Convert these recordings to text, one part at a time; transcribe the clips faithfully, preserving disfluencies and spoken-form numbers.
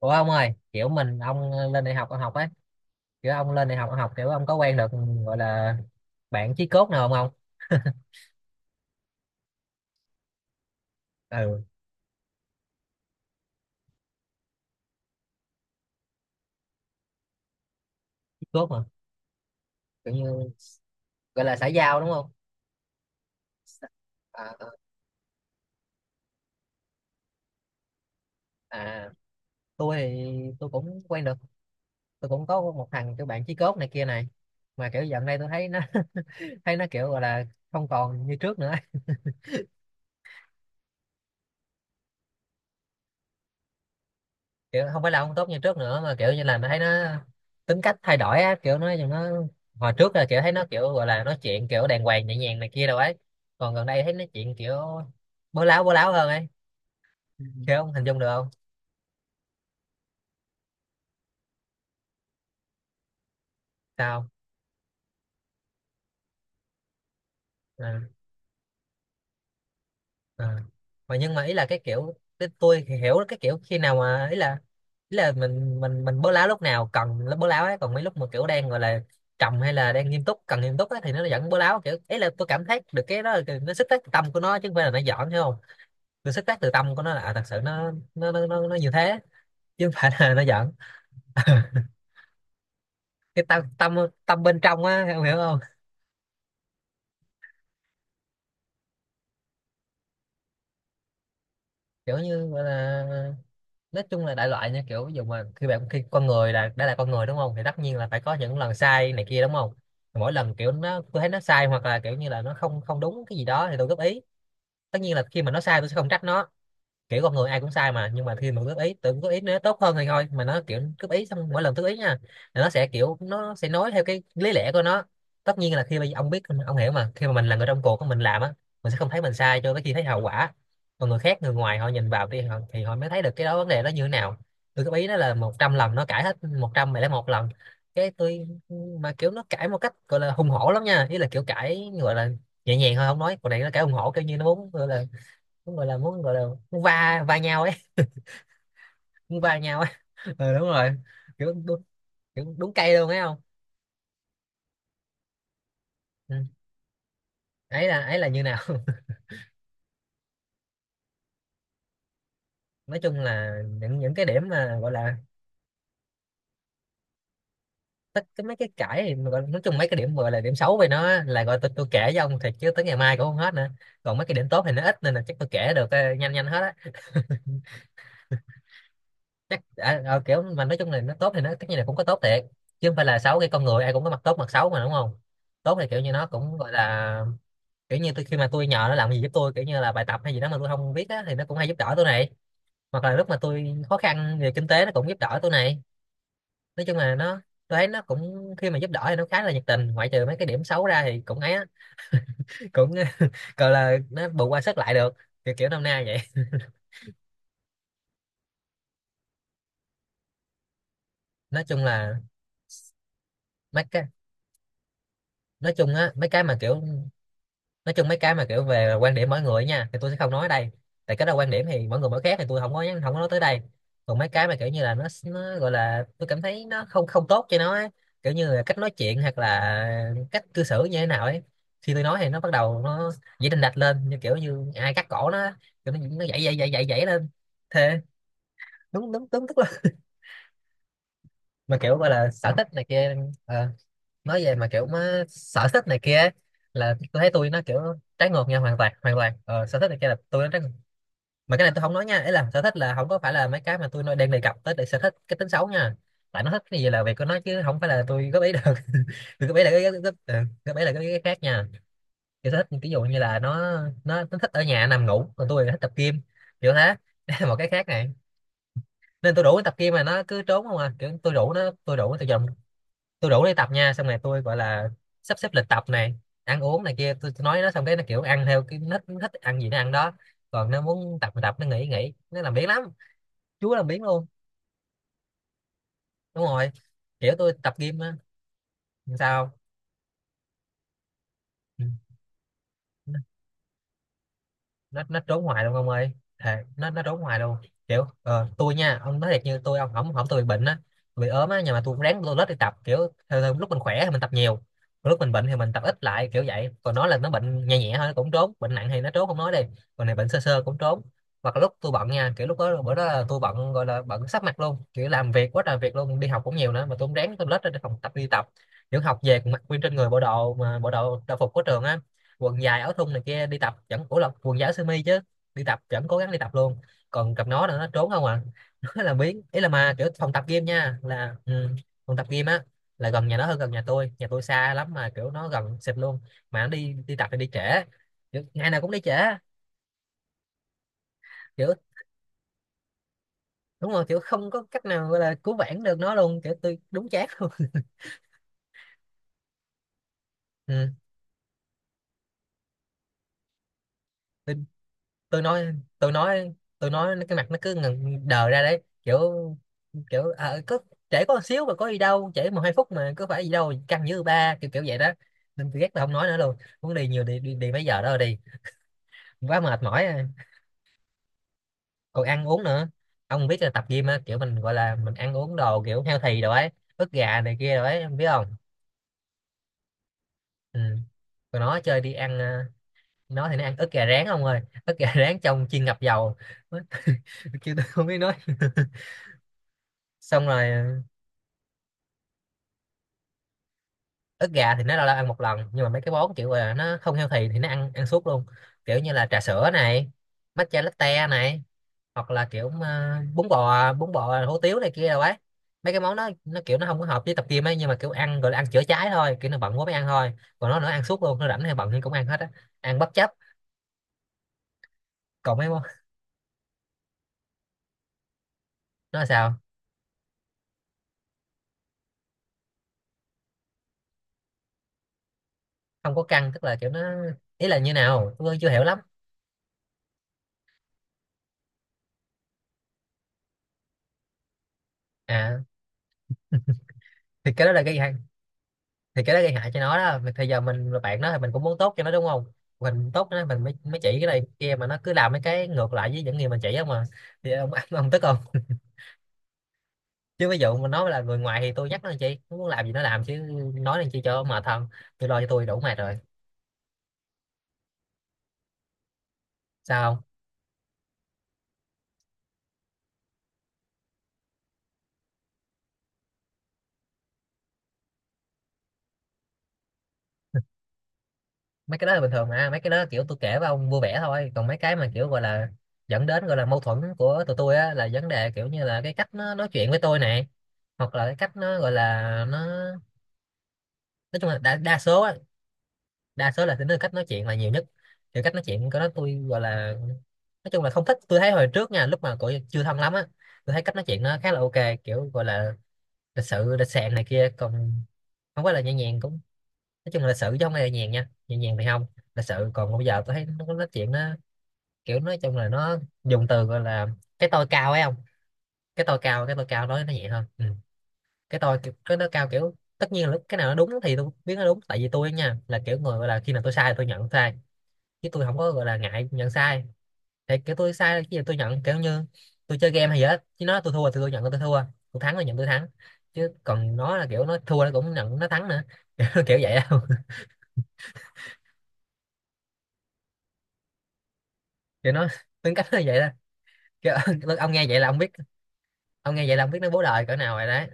Ủa ông ơi, kiểu mình ông lên đại học ông học ấy, kiểu ông lên đại học ông học, kiểu ông có quen được gọi là bạn chí cốt nào không ông? Ừ, chí cốt mà, kiểu như gọi là xã giao đúng không? À, à, à, tôi thì tôi cũng quen được, tôi cũng có một thằng kiểu bạn chí cốt này kia này, mà kiểu dạo này tôi thấy nó thấy nó kiểu gọi là không còn như trước nữa. Kiểu không phải là không tốt như trước nữa mà kiểu như là mình thấy nó tính cách thay đổi á, kiểu nó nó hồi trước là kiểu thấy nó kiểu gọi là nói chuyện kiểu đàng hoàng nhẹ nhàng này kia đâu ấy, còn gần đây thấy nói chuyện kiểu bố láo, bố láo hơn ấy. Ừ, kiểu không hình dung được không sao. Ờ, ờ, mà nhưng mà ý là cái kiểu, cái tôi thì hiểu cái kiểu khi nào mà ý là ý là mình mình mình bố láo lúc nào cần bố láo ấy, còn mấy lúc mà kiểu đang gọi là trầm hay là đang nghiêm túc cần nghiêm túc ấy, thì nó vẫn bố láo, kiểu ý là tôi cảm thấy được cái đó là cái- nó sức tác tâm của nó chứ không phải là nó giỡn, hiểu không. Tôi xuất phát từ tâm của nó là à, thật sự nó nó nó nó, nó như thế chứ không phải là nó giận. Cái tâm tâm tâm bên trong á em hiểu không. Kiểu như gọi là nói chung là đại loại nha, kiểu ví dụ mà khi bạn, khi con người là đã là con người đúng không thì tất nhiên là phải có những lần sai này kia đúng không. Thì mỗi lần kiểu nó tôi thấy nó sai hoặc là kiểu như là nó không không đúng cái gì đó thì tôi góp ý. Tất nhiên là khi mà nó sai tôi sẽ không trách nó, kiểu con người ai cũng sai mà, nhưng mà khi mà góp ý tự góp ý nó tốt hơn thì thôi, mà nó kiểu góp ý xong mỗi lần góp ý nha là nó sẽ kiểu nó sẽ nói theo cái lý lẽ của nó. Tất nhiên là khi mà ông biết ông hiểu mà khi mà mình là người trong cuộc mình làm á, mình sẽ không thấy mình sai cho tới khi thấy hậu quả. Còn người khác, người ngoài họ nhìn vào đi họ, thì họ mới thấy được cái đó vấn đề đó như thế nào. Tôi góp ý nó là một trăm lần nó cãi hết một trăm, mày lấy một lần cái tôi, mà kiểu nó cãi một cách gọi là hùng hổ lắm nha, ý là kiểu cãi gọi là nhẹ nhàng thôi không nói, còn này nó cãi hùng hổ kiểu như nó muốn gọi là muốn gọi là muốn gọi là muốn va va nhau ấy. Muốn va nhau ấy. Ừ, đúng rồi. kiểu đúng Kiểu đúng cây luôn ấy không. Ừ. Ấy là ấy là như nào. Nói chung là những những cái điểm mà gọi là tất cái mấy cái cãi thì mà gọi, nói chung mấy cái điểm gọi là điểm xấu về nó là gọi tôi tôi kể với ông thiệt chứ tới ngày mai cũng không hết nữa. Còn mấy cái điểm tốt thì nó ít nên là chắc tôi kể được ờ, nhanh nhanh hết á. Chắc à, ờ, kiểu mà nói chung là nó tốt thì nó tất nhiên là cũng có tốt thiệt chứ không phải là xấu, cái con người ai cũng có mặt tốt mặt xấu mà đúng không. Tốt thì kiểu như nó cũng gọi là kiểu như tôi khi mà tôi nhờ nó làm gì giúp tôi kiểu như là bài tập hay gì đó mà tôi không biết á thì nó cũng hay giúp đỡ tôi này, hoặc là lúc mà tôi khó khăn về kinh tế nó cũng giúp đỡ tôi này. Nói chung là nó, tôi thấy nó cũng khi mà giúp đỡ thì nó khá là nhiệt tình, ngoại trừ mấy cái điểm xấu ra thì cũng ấy á, cũng gọi là nó bù qua sức lại được, kiểu kiểu năm nay vậy. Nói chung là mấy cái, nói chung á mấy cái mà kiểu, nói chung mấy cái mà kiểu về quan điểm mỗi người nha thì tôi sẽ không nói ở đây, tại cái đó quan điểm thì mỗi người mỗi khác thì tôi không có nhắn không có nói tới đây. Còn mấy cái mà kiểu như là nó nó gọi là tôi cảm thấy nó không không tốt cho nó ấy, kiểu như là cách nói chuyện hoặc là cách cư xử như thế nào ấy. Khi tôi nói thì nó bắt đầu nó dễ đình đạch lên như kiểu như ai cắt cổ nó, kiểu nó nó dậy dậy dậy dậy dậy lên thế. Đúng đúng đúng tức là mà kiểu gọi là sở thích này kia. Ờ, nói về mà kiểu má sở thích này kia ấy, là tôi thấy tôi nó kiểu trái ngược nha, hoàn toàn hoàn toàn ờ, sở thích này kia là tôi nó trái ngược. Mà cái này tôi không nói nha, ấy là sở thích là không có phải là mấy cái mà tôi nói đang đề cập tới, để sở thích cái tính xấu nha, tại nó thích cái gì là việc của nó chứ không phải là tôi góp ý được. Tôi góp ý là cái góp, góp, ừ, góp ý là cái, cái khác nha. Kiểu sở thích ví dụ như là nó nó nó thích ở nhà nằm ngủ còn tôi thì thích tập gym, kiểu thế. Đây là một cái khác này. Nên tôi rủ nó tập gym mà nó cứ trốn không à, kiểu tôi rủ nó tôi rủ nó từ giờ, tôi rủ đi tập nha, xong rồi tôi gọi là sắp xếp lịch tập này, ăn uống này kia tôi nói nó xong cái nó kiểu ăn theo cái nó nó thích ăn gì nó ăn đó, còn nó muốn tập thì tập, nó nghỉ thì nghỉ, nó làm biếng lắm, chúa làm biếng luôn. Đúng rồi, kiểu tôi tập gym á. Làm sao. Ừ, nó nó trốn hoài luôn ông ơi. Thề, nó nó trốn hoài luôn. Kiểu ờ, tôi nha ông nói thiệt như tôi ông không không tôi bị bệnh á, bị ốm á nhưng mà tôi cũng ráng tôi lết đi tập, kiểu theo, theo, lúc mình khỏe thì mình tập nhiều, còn lúc mình bệnh thì mình tập ít lại kiểu vậy, còn nó là nó bệnh nhẹ nhẹ thôi nó cũng trốn, bệnh nặng thì nó trốn không nói đi, còn này bệnh sơ sơ cũng trốn. Hoặc là lúc tôi bận nha, kiểu lúc đó bữa đó là tôi bận gọi là bận sắp mặt luôn, kiểu làm việc quá trời việc luôn, đi học cũng nhiều nữa mà tôi cũng ráng tôi lết ra phòng tập đi tập, kiểu học về còn mặc nguyên trên người bộ đồ mà bộ đồ đồng phục của trường á, quần dài áo thun này kia đi tập, vẫn ủa là quần dài áo sơ mi chứ, đi tập vẫn cố gắng đi tập luôn. Còn cặp nó là nó trốn không à. Nó là biến ý là mà kiểu phòng tập gym nha là ừ, phòng tập gym á là gần nhà nó hơn gần nhà tôi, nhà tôi xa lắm mà kiểu nó gần xịt luôn, mà nó đi đi tập thì đi trễ, kiểu, ngày nào cũng đi trễ kiểu. Đúng rồi, kiểu không có cách nào gọi là cứu vãn được nó luôn, kiểu tôi đúng chát luôn. Ừ. Tôi tôi nói tôi nói tôi nói cái mặt nó cứ ngần đờ ra đấy, kiểu kiểu à, có trễ có một xíu mà có gì đâu, trễ một hai phút mà có phải gì đâu, căng như ba kiểu kiểu vậy đó, nên tôi ghét là không nói nữa luôn, muốn đi nhiều đi đi, đi mấy giờ đó rồi đi, quá mệt mỏi à. Còn ăn uống nữa, ông biết là tập gym á kiểu mình gọi là mình ăn uống đồ kiểu healthy đồ ấy, ức gà này kia rồi ấy em biết không. Ừ. Còn nó chơi đi ăn à, nó thì nó ăn ức gà rán ông ơi, ức gà rán trong chiên ngập dầu kêu tôi không biết nói. Xong rồi ờ, ức gà thì nó lâu lâu ăn một lần, nhưng mà mấy cái món kiểu là nó không healthy thì nó ăn ăn suốt luôn. Kiểu như là trà sữa này, matcha latte này, hoặc là kiểu ờ, bún bò bún bò hủ tiếu này kia đâu ấy. Mấy cái món đó nó kiểu nó không có hợp với tập gym ấy, nhưng mà kiểu ăn gọi là ăn chữa cháy thôi, kiểu nó bận quá mới ăn thôi. Còn nó nó ăn suốt luôn, nó rảnh hay bận thì cũng ăn hết á, ăn bất chấp. Còn mấy món nó là sao, không có căng tức là kiểu nó, ý là như nào tôi chưa hiểu lắm à. Thì cái đó là cái gì, thì cái đó gây hại cho nó đó. Mà thời giờ mình là bạn nó thì mình cũng muốn tốt cho nó đúng không. Mình tốt cho nó mình mới, mới chỉ cái này cái kia mà nó cứ làm mấy cái ngược lại với những gì mình chỉ không mà. Thì ông ông tức không, chứ ví dụ mình nói là người ngoài thì tôi nhắc nó làm chi, nó muốn làm gì nó làm chứ. Nói làm chi cho mệt thân, tôi lo cho tôi đủ mệt rồi. Sao không. Mấy cái đó là bình thường mà, mấy cái đó kiểu tôi kể với ông vui vẻ thôi. Còn mấy cái mà kiểu gọi là dẫn đến gọi là mâu thuẫn của tụi tôi á, là vấn đề kiểu như là cái cách nó nói chuyện với tôi này, hoặc là cái cách nó gọi là nó, nói chung là đa, đa số á, đa số là tính đến cách nói chuyện là nhiều nhất. Kiểu cách nói chuyện của nó tôi gọi là, nói chung là không thích. Tôi thấy hồi trước nha, lúc mà cổ chưa thâm lắm á, tôi thấy cách nói chuyện nó khá là ok, kiểu gọi là lịch sự lịch sạn này kia. Còn không phải là nhẹ nhàng cũng, nói chung là lịch sự chứ không phải là nhẹ nhàng nha, nhẹ nhàng thì không, lịch sự. Còn bây giờ tôi thấy nó có nói chuyện nó kiểu, nói chung là nó dùng từ gọi là cái tôi cao ấy, không. Cái tôi cao, cái tôi cao nói nó nhẹ hơn, ừ. Cái tôi kiểu- cái nó cao, kiểu tất nhiên là lúc cái nào nó đúng thì tôi biết nó đúng, tại vì tôi nha là kiểu người gọi là khi nào tôi sai thì tôi nhận sai, chứ tôi không có gọi là ngại nhận sai. Thì kiểu tôi sai cái gì tôi nhận, kiểu như tôi chơi game hay gì hết, chứ nó tôi thua thì tôi tôi nhận là tôi thua, tôi thắng là nhận tôi thắng. Chứ còn nó là kiểu nó thua nó cũng nhận nó thắng nữa kiểu kiểu vậy đâu. Kiểu nó, tính cách nó vậy đó, kiểu, ông nghe vậy là ông biết, ông nghe vậy là ông biết nó bố đời cỡ nào rồi đấy.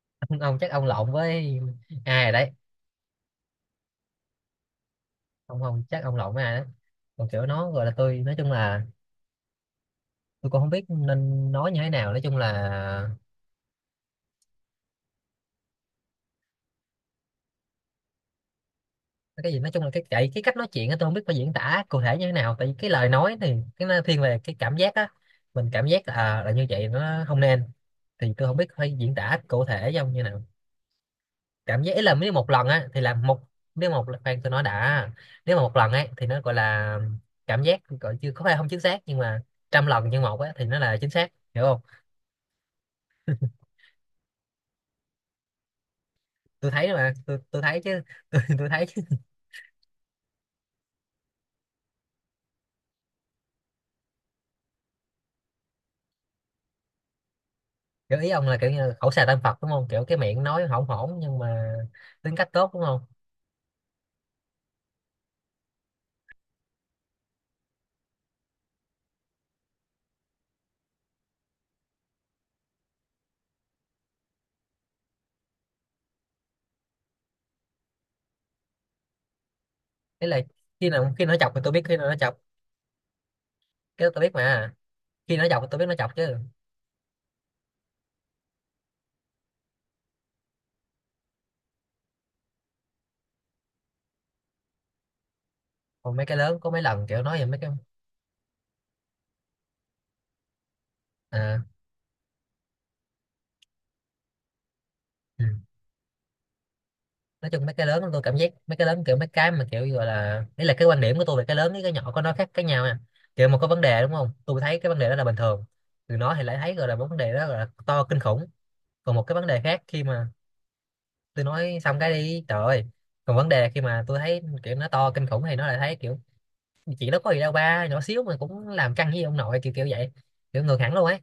ông, ông chắc ông lộn với ai rồi đấy, ông không chắc ông lộn với ai đấy. Còn kiểu nó gọi là, tôi nói chung là tôi cũng không biết nên nói như thế nào, nói chung là cái gì, nói chung là cái cái, cái cách nói chuyện á, tôi không biết phải diễn tả cụ thể như thế nào, tại vì cái lời nói thì cái nó thiên về cái cảm giác á. Mình cảm giác là à, là như vậy nó không nên, thì tôi không biết phải diễn tả cụ thể giống như nào. Cảm giác ý là nếu một lần á thì là một, nếu một lần- khoan tôi nói đã. Nếu mà một lần ấy thì nó gọi là cảm giác gọi chưa có phải không chính xác, nhưng mà trăm lần như một á thì nó là chính xác, hiểu không. Tôi thấy mà, tôi, tôi thấy chứ, tôi, tôi thấy chứ. Kiểu ý ông là kiểu như khẩu xà tâm Phật đúng không, kiểu cái miệng nói hổn hổn nhưng mà tính cách tốt đúng không. Đấy là khi nào, khi nó chọc thì tôi biết, khi nào nó chọc cái đó tôi biết mà, khi nó chọc thì tôi biết nó chọc chứ. Còn mấy cái lớn, có mấy lần kiểu nói về mấy cái, à, ừ. Nói chung mấy cái lớn, tôi cảm giác mấy cái lớn kiểu mấy cái mà kiểu gọi là, đấy là cái quan điểm của tôi về cái lớn với cái nhỏ có nó khác cái nhau nha. Kiểu mà có vấn đề đúng không, tôi thấy cái vấn đề đó là bình thường, từ nó thì lại thấy gọi là vấn đề đó gọi là to kinh khủng. Còn một cái vấn đề khác khi mà tôi nói xong cái đi trời ơi. Còn vấn đề khi mà tôi thấy kiểu nó to kinh khủng thì nó lại thấy kiểu chuyện đó có gì đâu ba, nhỏ xíu mà cũng làm căng với ông nội, kiểu kiểu vậy, kiểu ngược hẳn luôn ấy.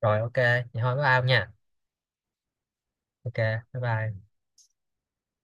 Rồi ok vậy thôi, bye bye ông nha. Ok, bye bye.